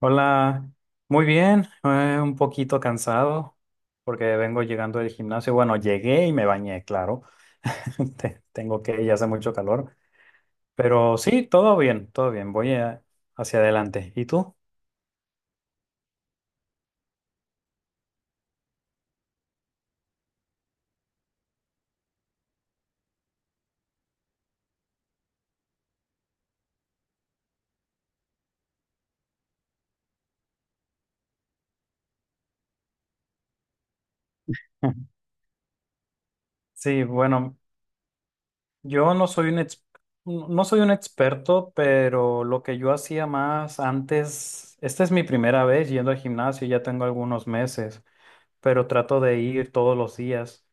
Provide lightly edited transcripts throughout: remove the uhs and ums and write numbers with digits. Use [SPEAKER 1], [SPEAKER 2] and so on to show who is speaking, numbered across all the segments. [SPEAKER 1] Hola, muy bien, un poquito cansado porque vengo llegando del gimnasio. Bueno, llegué y me bañé, claro. Tengo que ir, hace mucho calor, pero sí, todo bien, todo bien. Voy hacia adelante. ¿Y tú? Sí, bueno, yo no soy un ex- no soy un experto, pero lo que yo hacía más antes, esta es mi primera vez yendo al gimnasio, ya tengo algunos meses, pero trato de ir todos los días.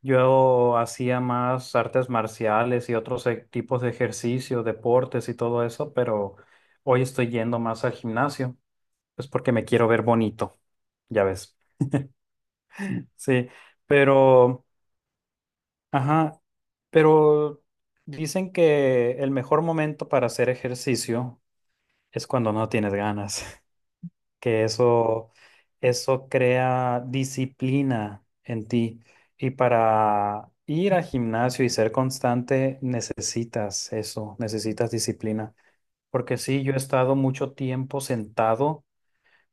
[SPEAKER 1] Yo hacía más artes marciales y otros tipos de ejercicio deportes y todo eso, pero hoy estoy yendo más al gimnasio, pues porque me quiero ver bonito, ya ves. Sí, pero, ajá, pero dicen que el mejor momento para hacer ejercicio es cuando no tienes ganas. Que eso crea disciplina en ti. Y para ir al gimnasio y ser constante, necesitas eso, necesitas disciplina. Porque sí, yo he estado mucho tiempo sentado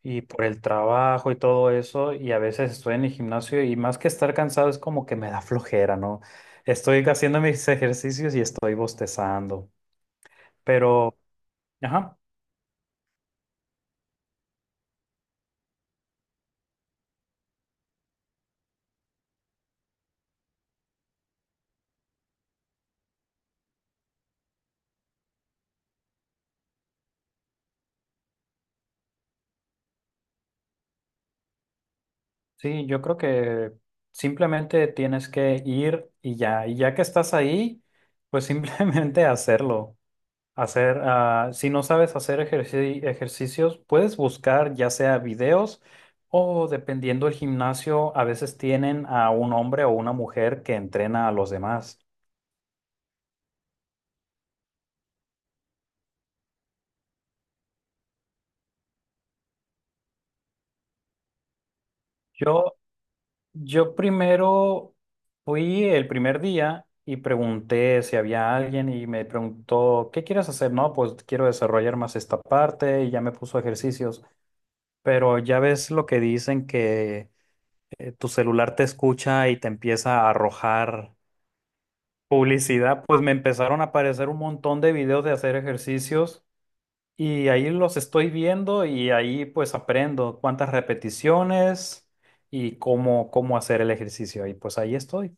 [SPEAKER 1] y por el trabajo y todo eso, y a veces estoy en el gimnasio y más que estar cansado es como que me da flojera, ¿no? Estoy haciendo mis ejercicios y estoy bostezando. Pero, ajá. Sí, yo creo que simplemente tienes que ir y ya que estás ahí, pues simplemente hacerlo. Hacer, ah, si no sabes hacer ejercicios, puedes buscar ya sea videos o dependiendo del gimnasio, a veces tienen a un hombre o una mujer que entrena a los demás. Yo primero fui el primer día y pregunté si había alguien y me preguntó, ¿qué quieres hacer? No, pues quiero desarrollar más esta parte y ya me puso ejercicios. Pero ya ves lo que dicen que tu celular te escucha y te empieza a arrojar publicidad. Pues me empezaron a aparecer un montón de videos de hacer ejercicios y ahí los estoy viendo y ahí pues aprendo cuántas repeticiones y cómo hacer el ejercicio. Y pues ahí estoy.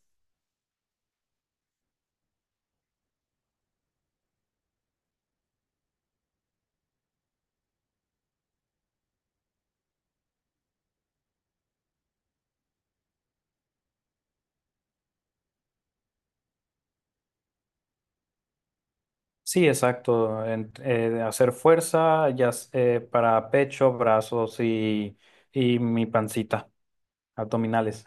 [SPEAKER 1] Sí, exacto. Hacer fuerza para pecho, brazos y mi pancita, abdominales.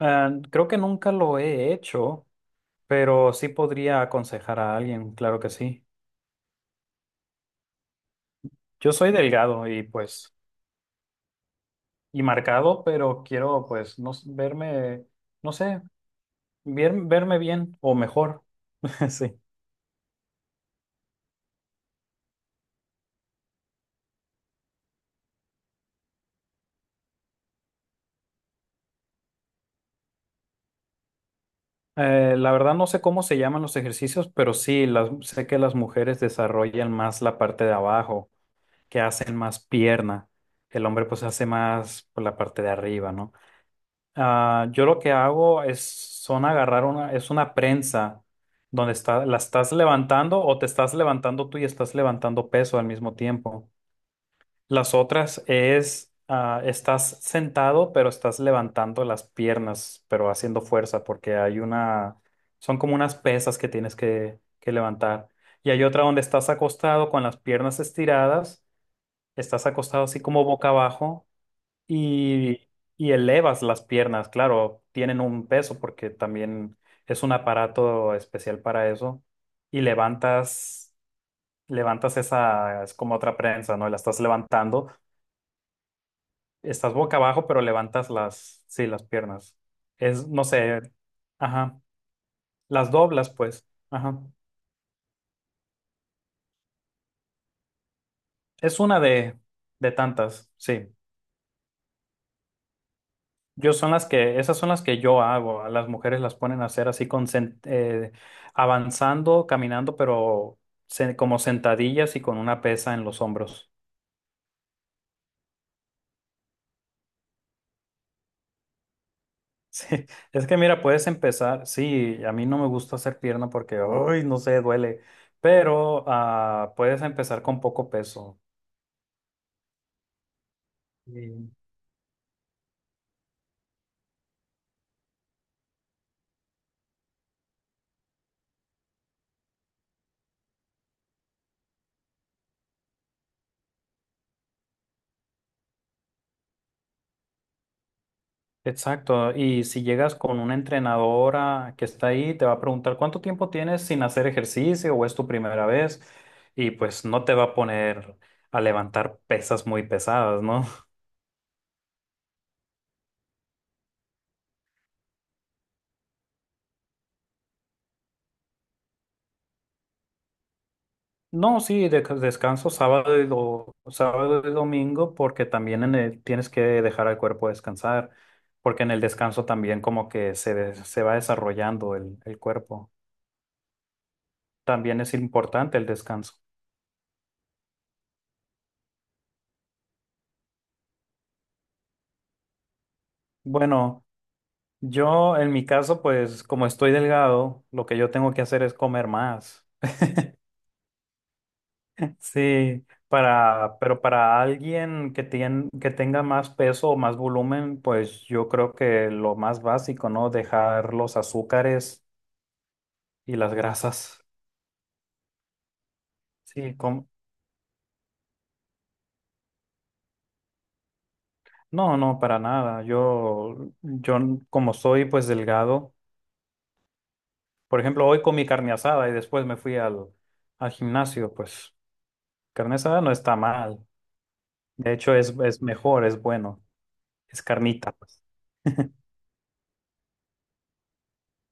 [SPEAKER 1] Ah, creo que nunca lo he hecho, pero sí podría aconsejar a alguien, claro que sí. Yo soy delgado y pues, y marcado, pero quiero pues no, verme, no sé, verme bien o mejor. Sí. La verdad no sé cómo se llaman los ejercicios, pero sí, las, sé que las mujeres desarrollan más la parte de abajo. Que hacen más pierna. El hombre pues hace más por la parte de arriba, ¿no? Ah, yo lo que hago es son agarrar una, es una prensa donde está, la estás levantando o te estás levantando tú y estás levantando peso al mismo tiempo. Las otras es, ah, estás sentado pero estás levantando las piernas, pero haciendo fuerza porque hay una, son como unas pesas que tienes que levantar. Y hay otra donde estás acostado con las piernas estiradas. Estás acostado así como boca abajo y, y elevas las piernas. Claro, tienen un peso porque también es un aparato especial para eso. Y levantas, levantas esa, es como otra prensa, ¿no? La estás levantando. Estás boca abajo, pero levantas las, sí, las piernas. Es, no sé, ajá. Las doblas, pues. Ajá. Es una de tantas, sí. Yo son las que, esas son las que yo hago. A las mujeres las ponen a hacer así con avanzando, caminando, pero como sentadillas y con una pesa en los hombros. Sí. Es que mira, puedes empezar. Sí, a mí no me gusta hacer pierna porque, uy, no sé, duele. Pero ah, puedes empezar con poco peso. Exacto, y si llegas con una entrenadora que está ahí, te va a preguntar cuánto tiempo tienes sin hacer ejercicio o es tu primera vez y pues no te va a poner a levantar pesas muy pesadas, ¿no? No, sí, descanso sábado y, sábado y domingo porque también tienes que dejar al cuerpo descansar, porque en el descanso también como que se, se va desarrollando el cuerpo. También es importante el descanso. Bueno. Yo, en mi caso, pues como estoy delgado, lo que yo tengo que hacer es comer más. Sí, para, pero para alguien que tiene, que tenga más peso o más volumen, pues yo creo que lo más básico, ¿no? Dejar los azúcares y las grasas. Sí, no, no, para nada. Yo como soy pues delgado, por ejemplo, hoy comí carne asada y después me fui al, al gimnasio, pues carne asada no está mal. De hecho, es mejor, es bueno. Es carnita, pues.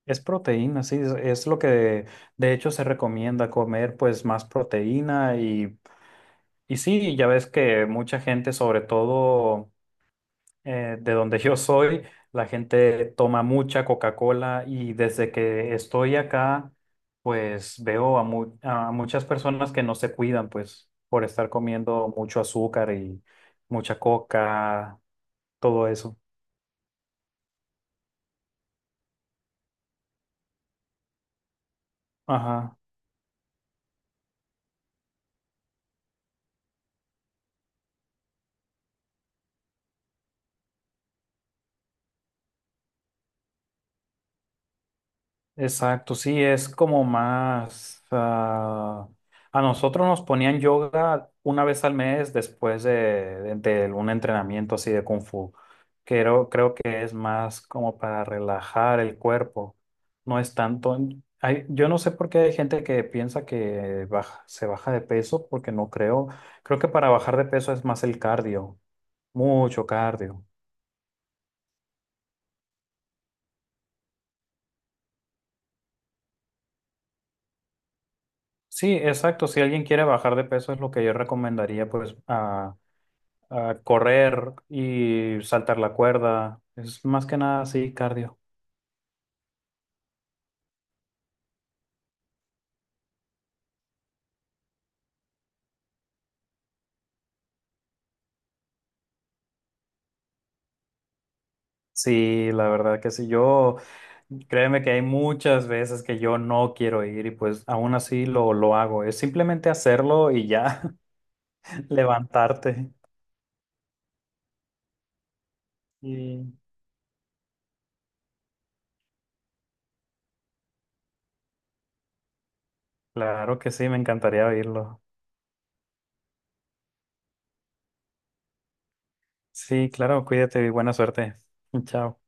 [SPEAKER 1] Es proteína, sí, es lo que de hecho se recomienda comer, pues más proteína y sí, ya ves que mucha gente, sobre todo de donde yo soy, la gente toma mucha Coca-Cola y desde que estoy acá, pues veo a, a muchas personas que no se cuidan, pues por estar comiendo mucho azúcar y mucha coca, todo eso. Ajá. Exacto, sí, es como más... ah, a nosotros nos ponían yoga una vez al mes después de, de- de un entrenamiento así de Kung Fu. Creo, creo que es más como para relajar el cuerpo. No es tanto... yo no sé por qué hay gente que piensa que se baja de peso, porque no creo. Creo que para bajar de peso es más el cardio, mucho cardio. Sí, exacto. Si alguien quiere bajar de peso es lo que yo recomendaría, pues a correr y saltar la cuerda. Es más que nada así, cardio. Sí, la verdad que sí. Yo, créeme que hay muchas veces que yo no quiero ir y pues aún así lo hago. Es simplemente hacerlo y ya levantarte. Y claro que sí, me encantaría oírlo. Sí, claro, cuídate y buena suerte. Chao.